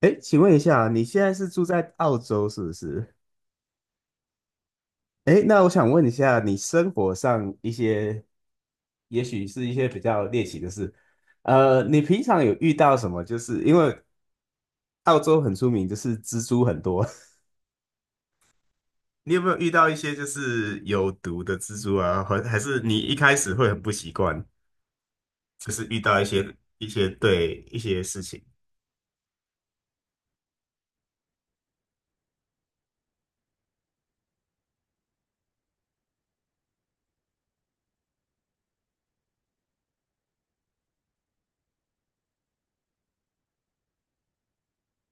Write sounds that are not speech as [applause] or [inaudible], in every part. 哎，请问一下，你现在是住在澳洲是不是？哎，那我想问一下，你生活上一些，也许是一些比较猎奇的事，你平常有遇到什么？就是因为澳洲很出名，就是蜘蛛很多。[laughs] 你有没有遇到一些就是有毒的蜘蛛啊？还是你一开始会很不习惯，就是遇到一些对一些事情。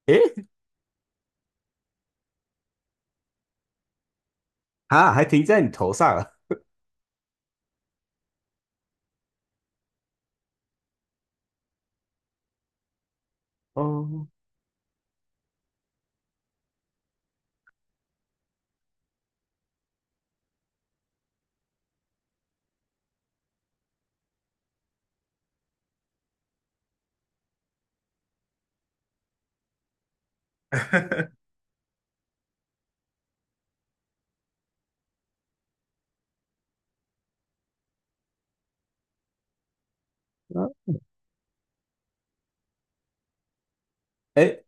哎，啊，还停在你头上啊。哦。啊。哎，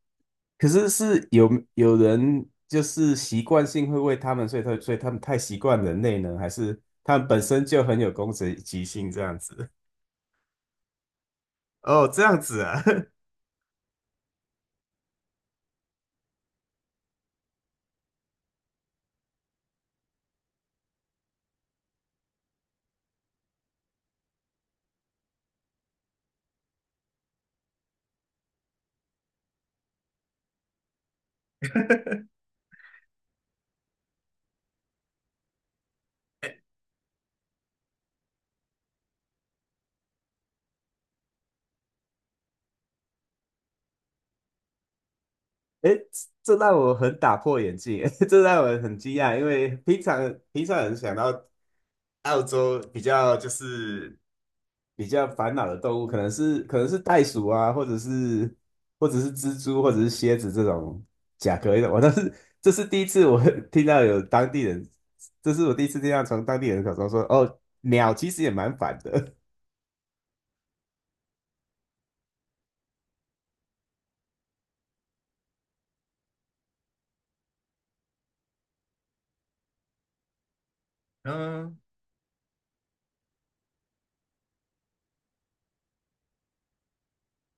可是是有人就是习惯性会喂他们，所以他所以他们太习惯人类呢，还是他们本身就很有攻击性这样子？[laughs] 哦，这样子啊。[laughs] 诶，这让我很打破眼镜，[laughs] 这让我很惊讶。因为平常人想到澳洲比较就是比较烦恼的动物，可能是袋鼠啊，或者是蜘蛛，或者是蝎子，这种甲壳类的。我倒是这是第一次我 [laughs] 听到有当地人，这是我第一次听到从当地人口中说，哦，鸟其实也蛮烦的。[laughs] 嗯。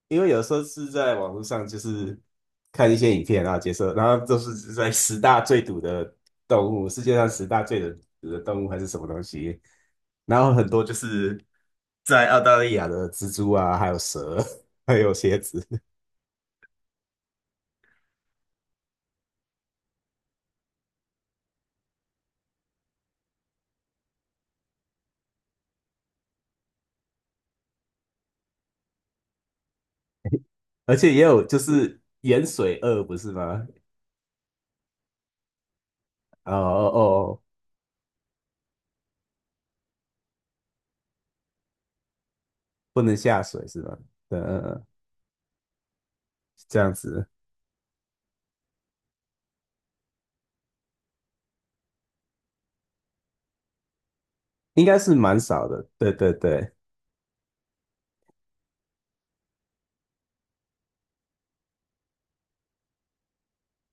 因为有时候是在网络上，就是看一些影片啊，解说，然后都是在十大最毒的动物，世界上十大最毒的动物还是什么东西，然后很多就是在澳大利亚的蜘蛛啊，还有蛇，[laughs] 还有蝎子。而且也有就是盐水鳄，不是吗？哦哦哦。不能下水是吗？嗯嗯嗯。这样子。应该是蛮少的，对对对。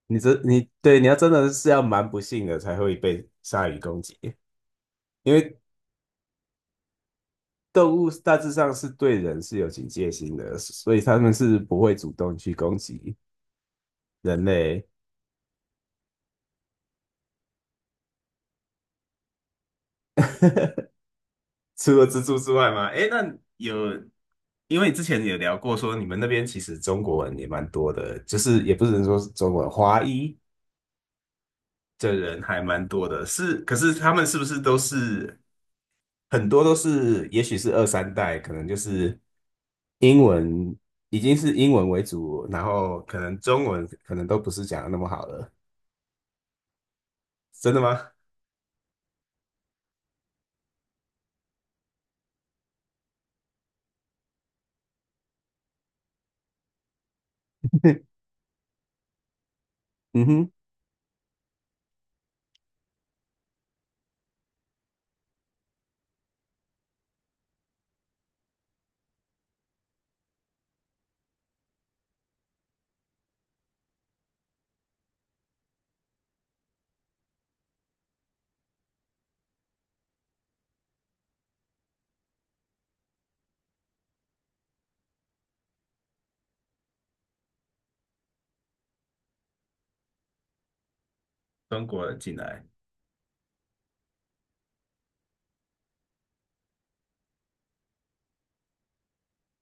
你这你对你要真的是要蛮不幸的才会被鲨鱼攻击。因为动物大致上是对人是有警戒心的，所以他们是不会主动去攻击人类。除了蜘蛛之外吗？诶，那，有。因为你之前有聊过说你们那边其实中国人也蛮多的，就是也不是说是中国人，华裔的人还蛮多的。是，可是他们是不是都是很多都是，也许是二三代，可能就是英文已经是英文为主，然后可能中文可能都不是讲的那么好了。真的吗？[laughs] 嗯哼。中国人进来。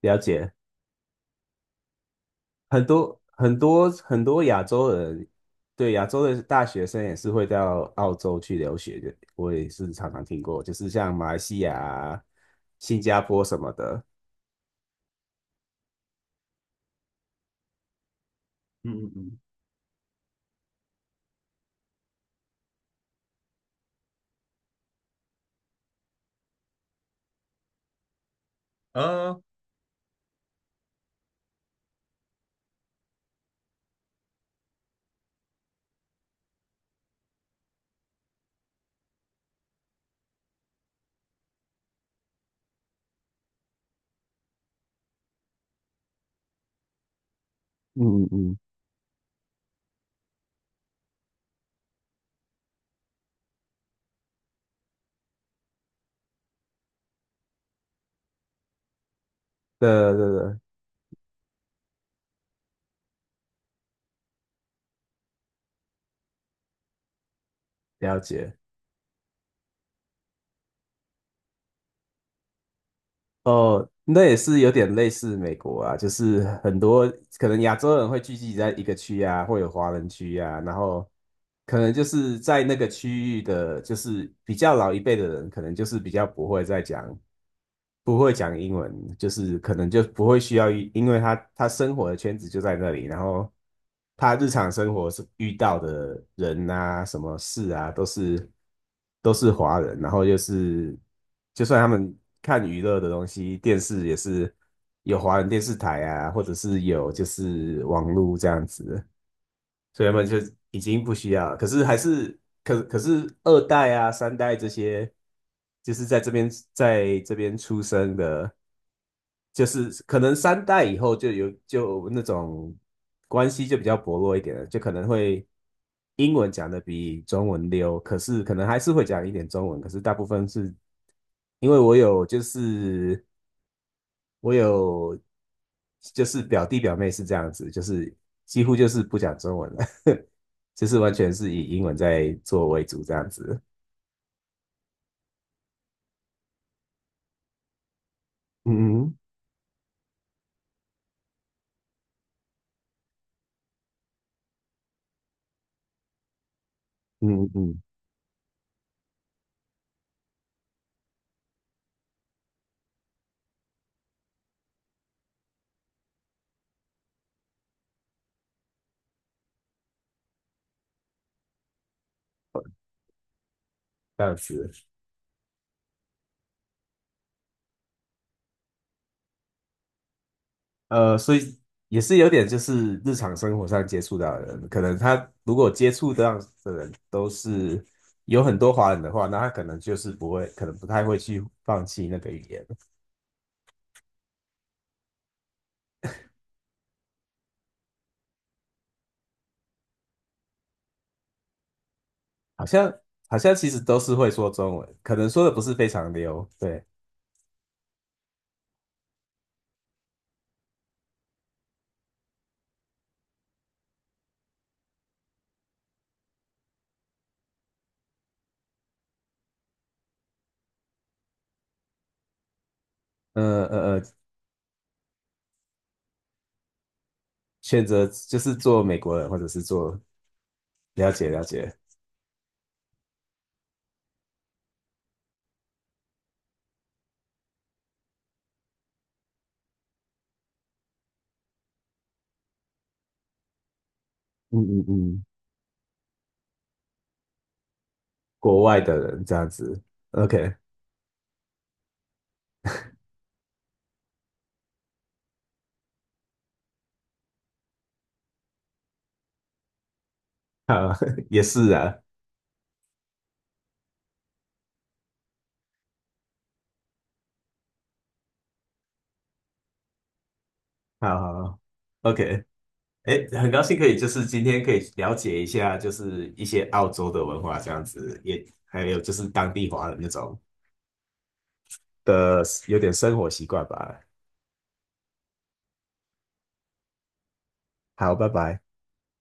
了解。很多很多很多亚洲人，对，亚洲的大学生也是会到澳洲去留学的，我也是常常听过，就是像马来西亚啊、新加坡什么的。嗯嗯嗯。啊。嗯嗯嗯。对对对，对。了解。哦，那也是有点类似美国啊，就是很多可能亚洲人会聚集在一个区啊，会有华人区啊，然后可能就是在那个区域的，就是比较老一辈的人，可能就是比较不会再讲。不会讲英文，就是可能就不会需要一因为他他生活的圈子就在那里，然后他日常生活是遇到的人啊，什么事啊，都是都是华人，然后就是就算他们看娱乐的东西，电视也是有华人电视台啊，或者是有就是网络这样子。所以他们就已经不需要了。可是还是可可是二代啊、三代这些，就是在这边出生的，就是可能三代以后就有就那种关系就比较薄弱一点了，就可能会英文讲的比中文溜，可是可能还是会讲一点中文，可是大部分是因为我有就是。我有就是表弟表妹是这样子，就是几乎就是不讲中文了。[laughs] 就是完全是以英文在做为主这样子。嗯嗯嗯嗯嗯。这样子。所以也是有点就是日常生活上接触到的人，可能他如果接触这到的人都是有很多华人的话，那他可能就是不会，可能不太会去放弃那个语言。好像好像其实都是会说中文，可能说的不是非常溜。对。呃呃呃，选择就是做美国人，或者是做了解了解。嗯嗯嗯，国外的人这样子。OK。好，[laughs] 也是啊。好好好，OK。哎，很高兴可以就是今天可以了解一下，就是一些澳洲的文化这样子，也还有就是当地华人那种的有点生活习惯吧。好，拜拜。